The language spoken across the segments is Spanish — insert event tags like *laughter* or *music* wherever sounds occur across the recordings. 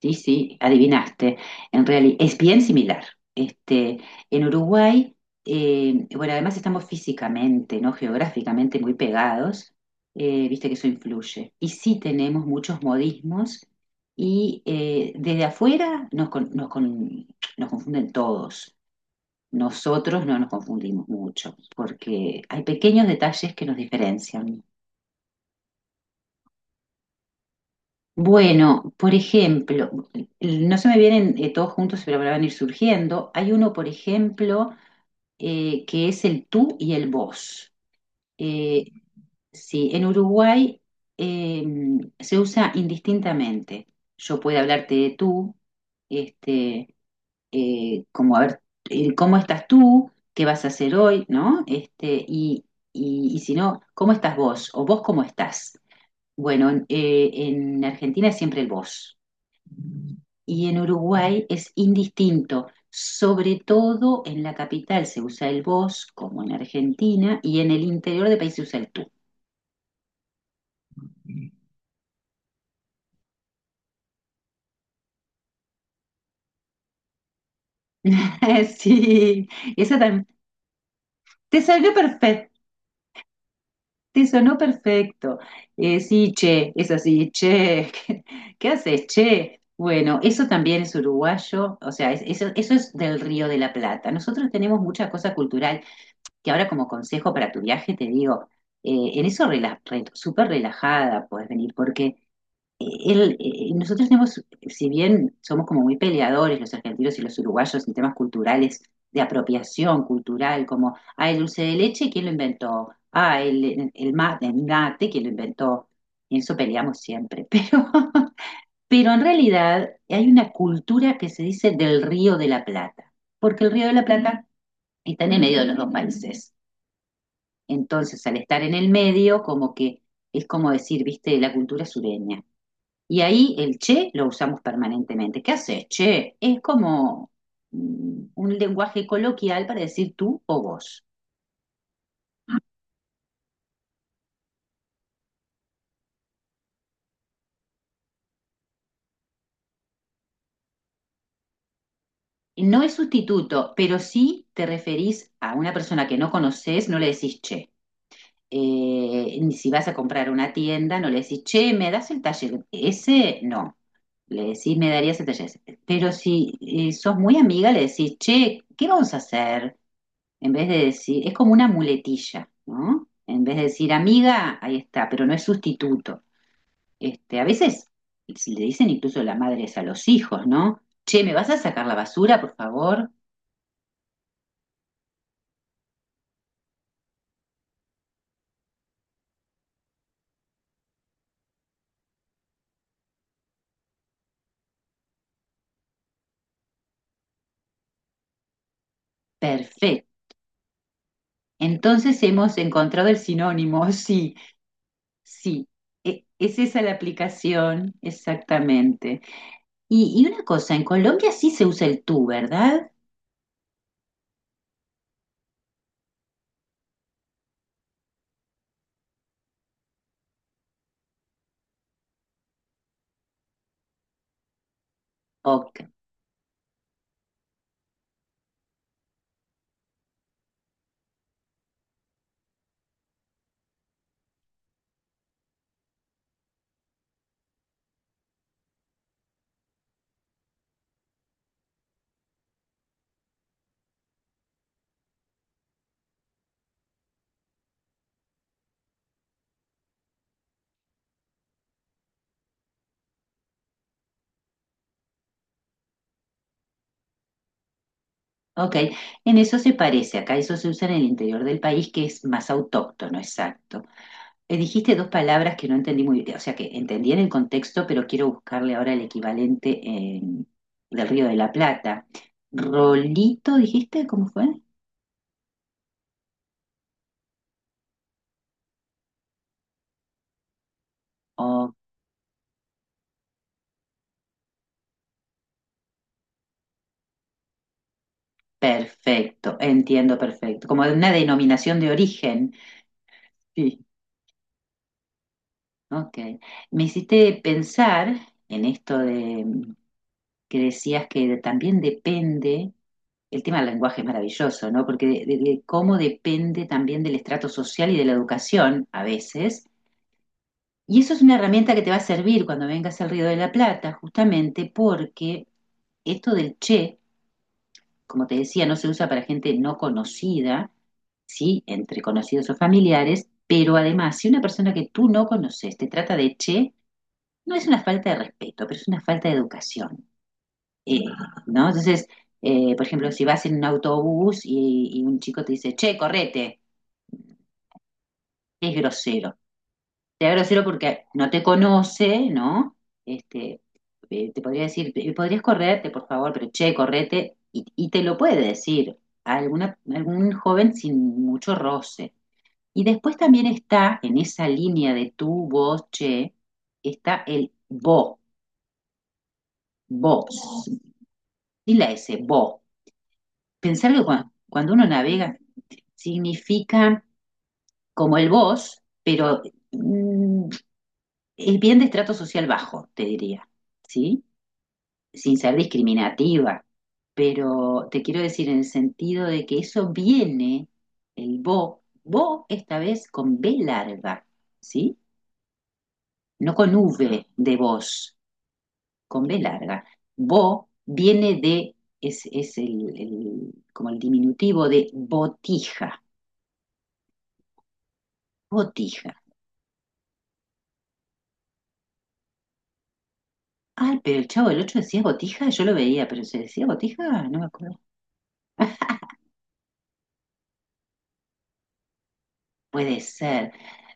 Sí, sí, adivinaste. En realidad es bien similar. Este, en Uruguay, bueno, además estamos físicamente, ¿no? Geográficamente muy pegados, viste que eso influye. Y sí tenemos muchos modismos y desde afuera nos confunden todos. Nosotros no nos confundimos mucho porque hay pequeños detalles que nos diferencian. Bueno, por ejemplo, no se me vienen todos juntos, pero me van a ir surgiendo. Hay uno, por ejemplo, que es el tú y el vos. Eh, sí, en Uruguay eh, se usa indistintamente. Yo puedo hablarte de tú, este, como a ver, ¿cómo estás tú? ¿Qué vas a hacer hoy? ¿No? Y si no, ¿cómo estás vos? ¿O vos cómo estás? Bueno, en Argentina es siempre el vos y en Uruguay es indistinto. Sobre todo en la capital se usa el vos, como en Argentina, y en el interior del país se usa el tú. *laughs* Sí, esa también. Te salió perfecto, te sonó perfecto. Sí, che, es así, che. *laughs* ¿Qué haces, che? Bueno, eso también es uruguayo, o sea, eso es del Río de la Plata. Nosotros tenemos mucha cosa cultural que ahora como consejo para tu viaje te digo, en eso súper relajada puedes venir, porque nosotros tenemos, si bien somos como muy peleadores los argentinos y los uruguayos en temas culturales, de apropiación cultural, como, ah, el dulce de leche, ¿quién lo inventó? Ah, el mate, el mate, ¿quién lo inventó? Y en eso peleamos siempre, *laughs* pero en realidad hay una cultura que se dice del Río de la Plata, porque el Río de la Plata está en el medio de los dos países. Entonces, al estar en el medio, como que es como decir, viste, la cultura sureña. Y ahí el che lo usamos permanentemente. ¿Qué haces, che? Es como un lenguaje coloquial para decir tú o vos. No es sustituto, pero si te referís a una persona que no conoces, no le decís che. Ni si vas a comprar a una tienda, no le decís, che, ¿me das el taller ese? No, le decís, me darías el taller ese. Pero si sos muy amiga, le decís, che, ¿qué vamos a hacer? En vez de decir, es como una muletilla, ¿no? En vez de decir amiga, ahí está, pero no es sustituto. A veces si le dicen incluso las madres a los hijos, ¿no? Che, ¿me vas a sacar la basura, por favor? Perfecto. Entonces hemos encontrado el sinónimo, *laughs* sí, Sí, es esa la aplicación, exactamente. Y una cosa, en Colombia sí se usa el tú, ¿verdad? Ok, ok. En eso se parece, acá eso se usa en el interior del país que es más autóctono, exacto. Dijiste dos palabras que no entendí muy bien, o sea que entendí en el contexto, pero quiero buscarle ahora el equivalente del Río de la Plata. Rolito, dijiste, ¿cómo fue? Oh, perfecto, entiendo perfecto, como una denominación de origen. Sí. Ok. Me hiciste pensar en esto de que decías que también depende, el tema del lenguaje es maravilloso, ¿no? Porque de cómo depende también del estrato social y de la educación a veces. Y eso es una herramienta que te va a servir cuando vengas al Río de la Plata, justamente porque esto del che, como te decía, no se usa para gente no conocida, sí, entre conocidos o familiares, pero además, si una persona que tú no conoces te trata de che, no es una falta de respeto, pero es una falta de educación, eh, ¿no? Entonces, por ejemplo, si vas en un autobús y, un chico te dice, che, correte, es grosero. Te da grosero porque no te conoce, ¿no? Este, Te podría decir, "Podrías correrte, por favor, pero che, correte, y te lo puede decir a algún joven sin mucho roce. Y después también está en esa línea de tú, vos, che, está el vos, vos, Y la S, vos. Pensar que cuando uno navega significa como el vos, pero mm, es bien de estrato social bajo, te diría, ¿sí? Sin ser discriminativa, pero te quiero decir en el sentido de que eso viene, el vos, vos esta vez con B larga, ¿sí? No con V de vos. Con B larga. Bo viene de, es como el diminutivo de botija, botija. Ay, pero el Chavo del Ocho decía botija, yo lo veía, pero se decía botija, no me acuerdo. *laughs* Puede ser.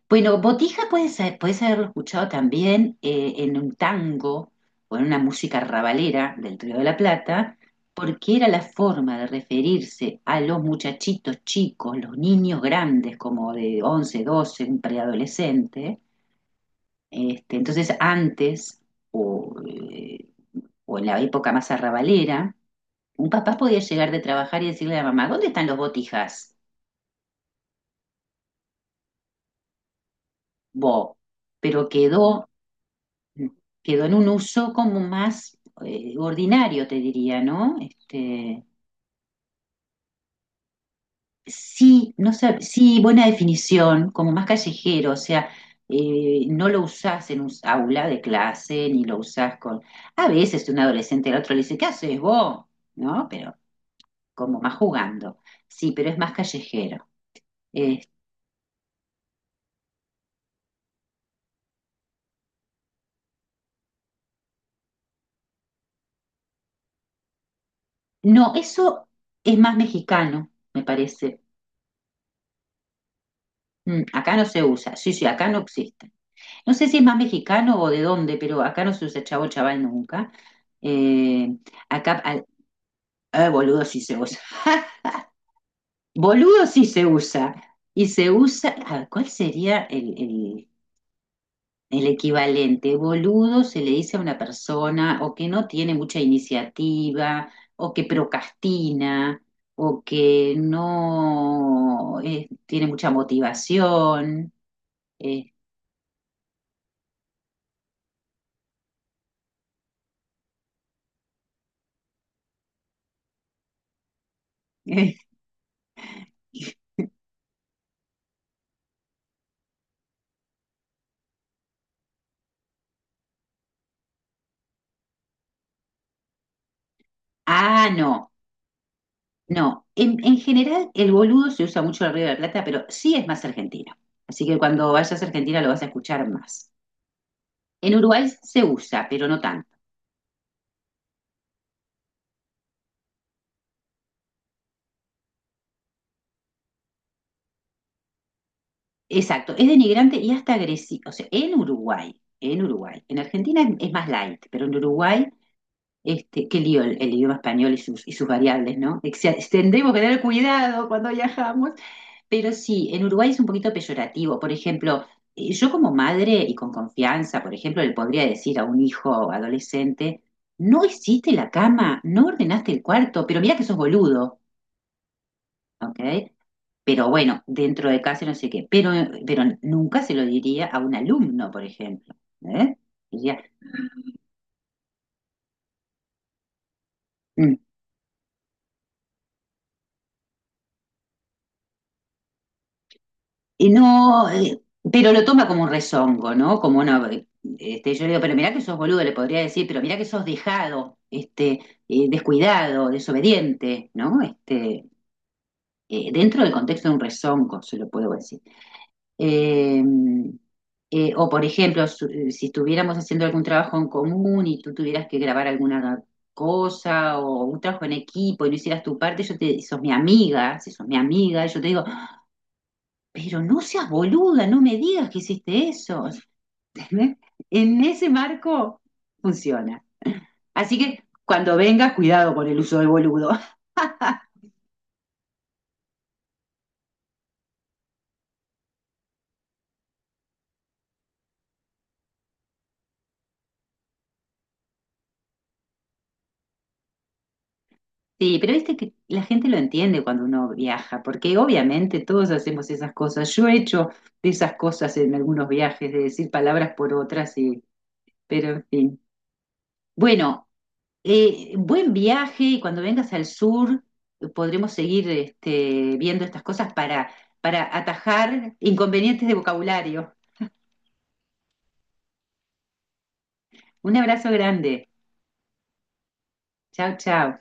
Bueno, botija puede ser, puedes haberlo escuchado también en un tango o en una música rabalera del Río de la Plata, porque era la forma de referirse a los muchachitos chicos, los niños grandes, como de 11, 12, un preadolescente. Entonces, antes, o, eh, o en la época más arrabalera, un papá podía llegar de trabajar y decirle a la mamá, ¿dónde están los botijas? Bo, pero quedó en un uso como más ordinario, te diría, ¿no? Sí, no sé, sí, buena definición, como más callejero, o sea, no lo usás en un aula de clase, ni lo usás con... A veces un adolescente al otro le dice, ¿qué haces vos? ¿No? Pero como más jugando. Sí, pero es más callejero. Eh, no, eso es más mexicano, me parece. Acá no se usa. Sí, sí, acá no existe. No sé si es más mexicano o de dónde, pero acá no se usa chavo chaval nunca. Eh, Acá, boludo sí se usa. *laughs* Boludo sí se usa. Y se usa, ah, ¿cuál sería el? El equivalente, boludo, se le dice a una persona o que no tiene mucha iniciativa, o que procrastina, o que no tiene mucha motivación. eh. *laughs* Ah, no, no. En general, el boludo se usa mucho en el Río de la Plata, pero sí es más argentino. Así que cuando vayas a Argentina lo vas a escuchar más. En Uruguay se usa, pero no tanto. Exacto, es denigrante y hasta agresivo. O sea, en Argentina es más light, pero en Uruguay, qué lío el idioma español y sus variables, ¿no? Tendremos que tener cuidado cuando viajamos, pero sí, en Uruguay es un poquito peyorativo. Por ejemplo, yo como madre y con confianza, por ejemplo, le podría decir a un hijo adolescente, no hiciste la cama, no ordenaste el cuarto, pero mira que sos boludo, ¿ok? Pero bueno, dentro de casa no sé qué. Pero nunca se lo diría a un alumno, por ejemplo. ¿Eh? Diría, "Mm, y no, pero lo toma como un rezongo, ¿no? Como una. Yo le digo, pero mirá que sos boludo, le podría decir, pero mirá que sos dejado, descuidado, desobediente, ¿no? Dentro del contexto de un rezongo, se lo puedo decir. Eh, por ejemplo, si estuviéramos haciendo algún trabajo en común y tú tuvieras que grabar alguna cosa o un trabajo en equipo y no hicieras tu parte, sos mi amiga, si sos mi amiga, yo te digo, pero no seas boluda, no me digas que hiciste eso. *laughs* ¿Entendés? En ese marco funciona. Así que cuando vengas, cuidado con el uso de boludo. Sí, pero viste que la gente lo entiende cuando uno viaja, porque obviamente todos hacemos esas cosas. Yo he hecho de esas cosas en algunos viajes, de decir palabras por otras, pero en fin. Bueno, buen viaje y cuando vengas al sur podremos seguir viendo estas cosas para atajar inconvenientes de vocabulario. Un abrazo grande. Chao, chao.